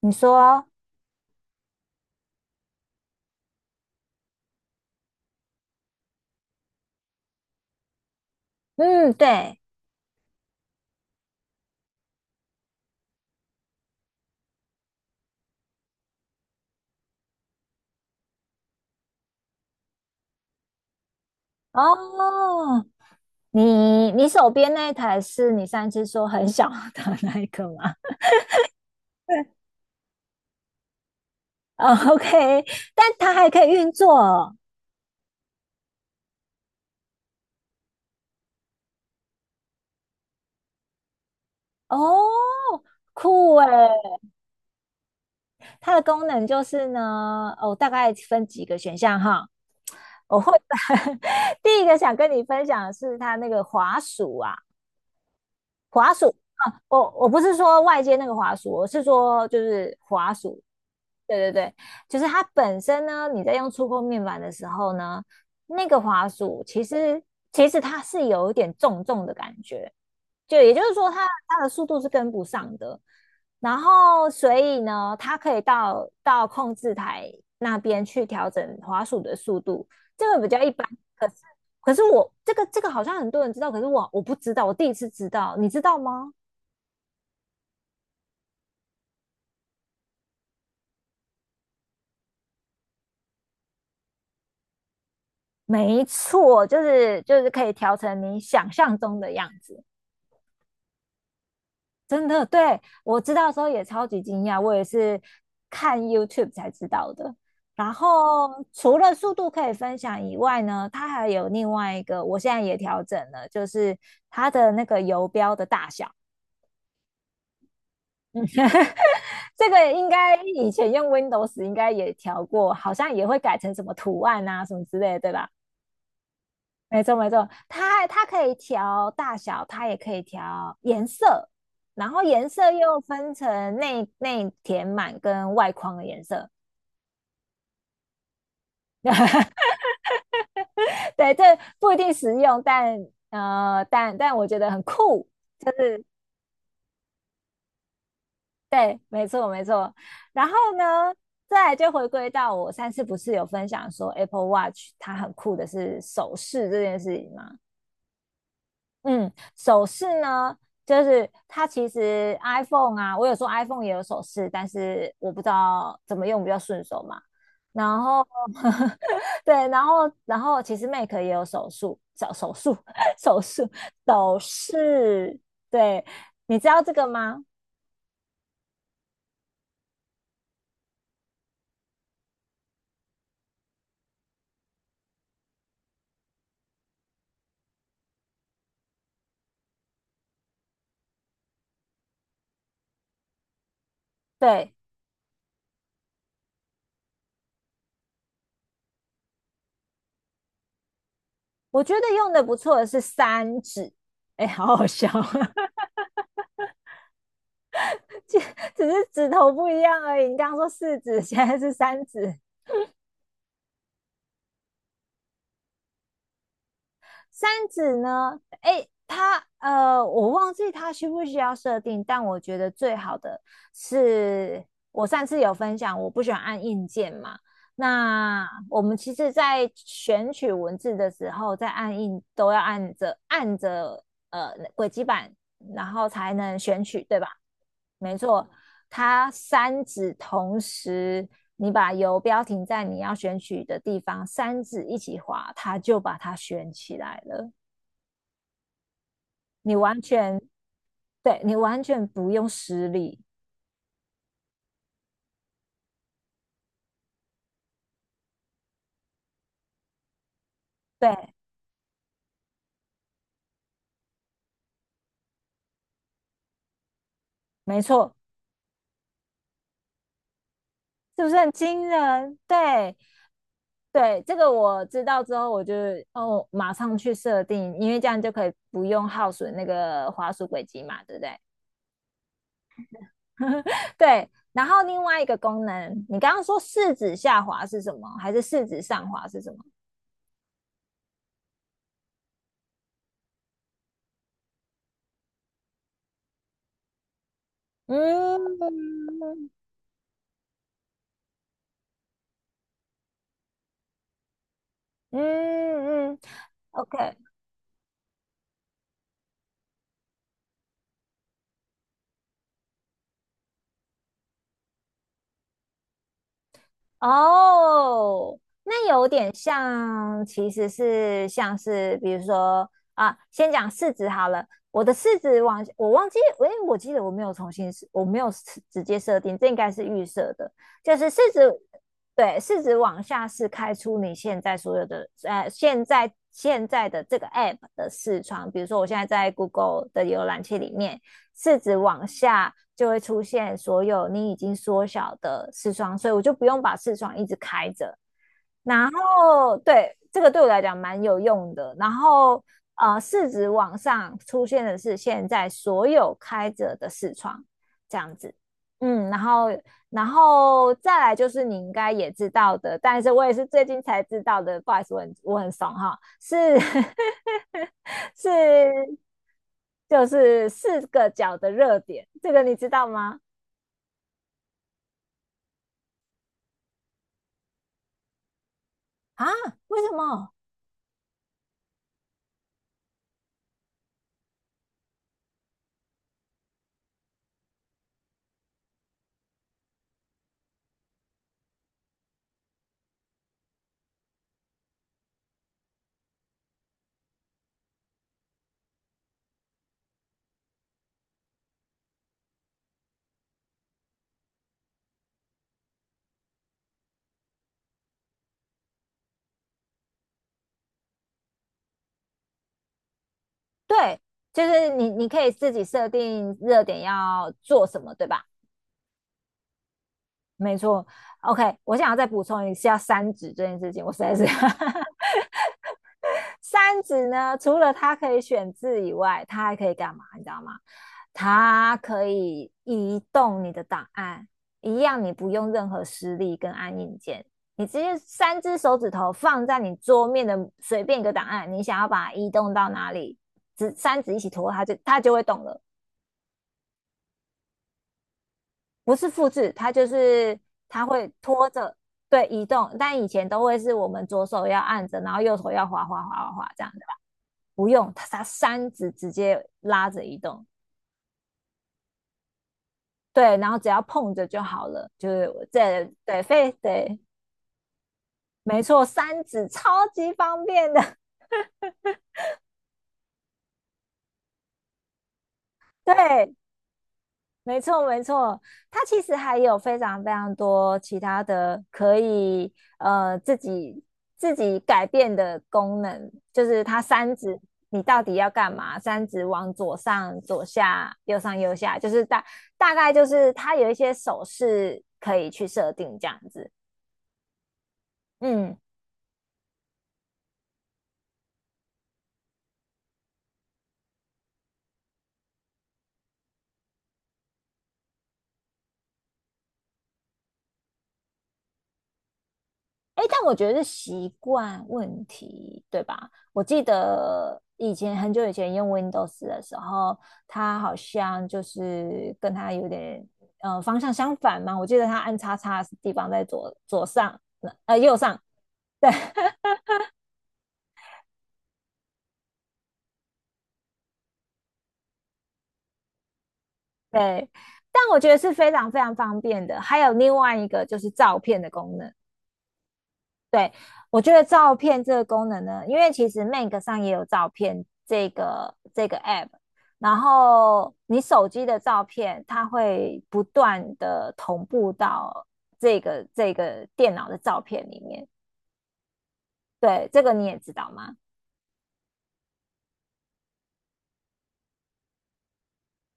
你说，嗯，对，哦，你手边那一台是你上一次说很小的那一个吗？哦 o k。 但它还可以运作哦？哦，酷诶，它的功能就是呢，哦，大概分几个选项哈，我会 第一个想跟你分享的是它那个滑鼠啊，滑鼠。啊，我不是说外接那个滑鼠，我是说就是滑鼠，对对对，就是它本身呢，你在用触控面板的时候呢，那个滑鼠其实它是有一点重重的感觉，就也就是说它的速度是跟不上的。然后所以呢，它可以到控制台那边去调整滑鼠的速度，这个比较一般。可是可是我这个好像很多人知道，可是我不知道，我第一次知道，你知道吗？没错，就是就是可以调成你想象中的样子。真的，对，我知道的时候也超级惊讶，我也是看 YouTube 才知道的。然后除了速度可以分享以外呢，它还有另外一个，我现在也调整了，就是它的那个游标的大小。嗯 这个应该以前用 Windows 应该也调过，好像也会改成什么图案啊什么之类的，对吧？没错没错，它可以调大小，它也可以调颜色，然后颜色又分成内填满跟外框的颜色。对，这不一定实用，但但我觉得很酷。对，没错没错。然后呢，再来就回归到我上次不是有分享说 Apple Watch 它很酷的是手势这件事情吗？嗯，手饰呢，就是它其实 iPhone 啊，我有说 iPhone 也有手饰，但是我不知道怎么用比较顺手嘛。然后，对，然后，然后其实 Mac 也有手术，手术，手术，手势，对，你知道这个吗？对，我觉得用的不错的是三指，哎，好好笑啊，只是指头不一样而已。你刚刚说四指，现在是三指。三指呢？哎，它我忘记它需不需要设定，但我觉得最好的是我上次有分享，我不喜欢按硬件嘛。那我们其实，在选取文字的时候，在按印都要按着呃轨迹板，然后才能选取，对吧？没错，它三指同时，你把游标停在你要选取的地方，三指一起滑，它就把它选起来了。你完全对你完全不用施力，对，没错，是不是很惊人？对对，这个我知道之后，我就哦马上去设定，因为这样就可以不用耗损那个滑鼠轨迹嘛，对不对？对，然后另外一个功能，你刚刚说四指下滑是什么？还是四指上滑是什么？嗯嗯嗯，OK,哦，那有点像，其实是像是，比如说啊，先讲市值好了。我的市值往，我忘记，诶，我记得我没有重新设，我没有设直接设定，这应该是预设的，就是市值，对，市值往下是开出你现在所有的，呃，现在的这个 app 的视窗，比如说我现在在 Google 的浏览器里面。四指往下就会出现所有你已经缩小的视窗，所以我就不用把视窗一直开着，然后对这个对我来讲蛮有用的。然后呃，市值往上出现的是现在所有开着的视窗这样子，嗯，然后再来就是你应该也知道的，但是我也是最近才知道的，不好意思，我很怂哈，是 是就是四个角的热点，这个你知道吗？啊，为什么？对，就是你可以自己设定热点要做什么，对吧？没错，OK,我想要再补充一下三指这件事情，我实在是 三指呢，除了它可以选字以外，它还可以干嘛？你知道吗？它可以移动你的档案，一样你不用任何实力跟按硬件，你直接三只手指头放在你桌面的随便一个档案，你想要把它移动到哪里，只三指一起拖，它就会动了。不是复制，它就是它会拖着对移动，但以前都会是我们左手要按着，然后右手要滑这样对吧？不用，它三指直接拉着移动，对，然后只要碰着就好了，就是这对非对，没错，三指超级方便的，对，没错，没错，它其实还有非常非常多其他的可以呃自己改变的功能，就是它三指你到底要干嘛？三指往左上、左下、右上、右下，就是大概就是它有一些手势可以去设定这样子。嗯，哎，但我觉得是习惯问题，对吧？我记得以前很久以前用 Windows 的时候，它好像就是跟它有点呃方向相反嘛。我记得它按叉叉的地方在左上，呃右上，对 对。但我觉得是非常非常方便的。还有另外一个就是照片的功能，对，我觉得照片这个功能呢，因为其实 m a c 上也有照片这个 app,然后你手机的照片，它会不断的同步到这个电脑的照片里面。对，这个你也知道吗？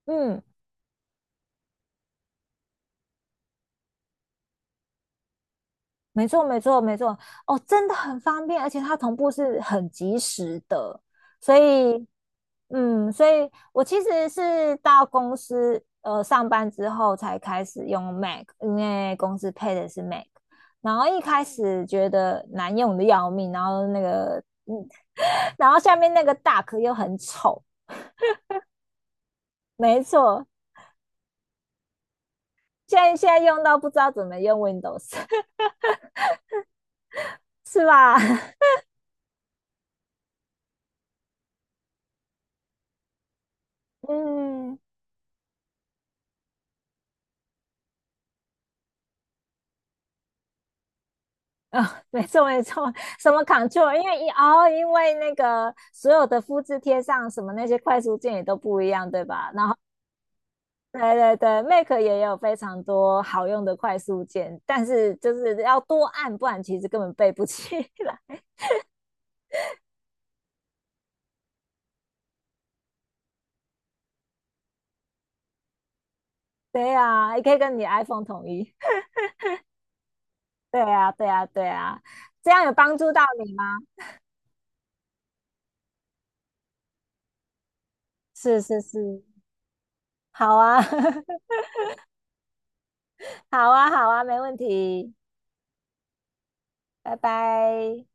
嗯，没错，没错，没错。哦，真的很方便，而且它同步是很及时的，所以嗯，所以我其实是到公司呃上班之后才开始用 Mac,因为公司配的是 Mac。然后一开始觉得难用的要命，然后那个嗯，然后下面那个 Dock 又很丑，没错，现在用到不知道怎么用 Windows,是吧？嗯。啊、没错没错，什么 Control,因为一哦，因为那个所有的复制贴上什么那些快速键也都不一样，对吧？然后。对对对，Mac 也有非常多好用的快速键，但是就是要多按，不然其实根本背不起来。对呀、也可以跟你 iPhone 统一。对啊，对啊，对啊，这样有帮助到你吗？是是是，好啊，好啊，好啊，没问题，拜拜。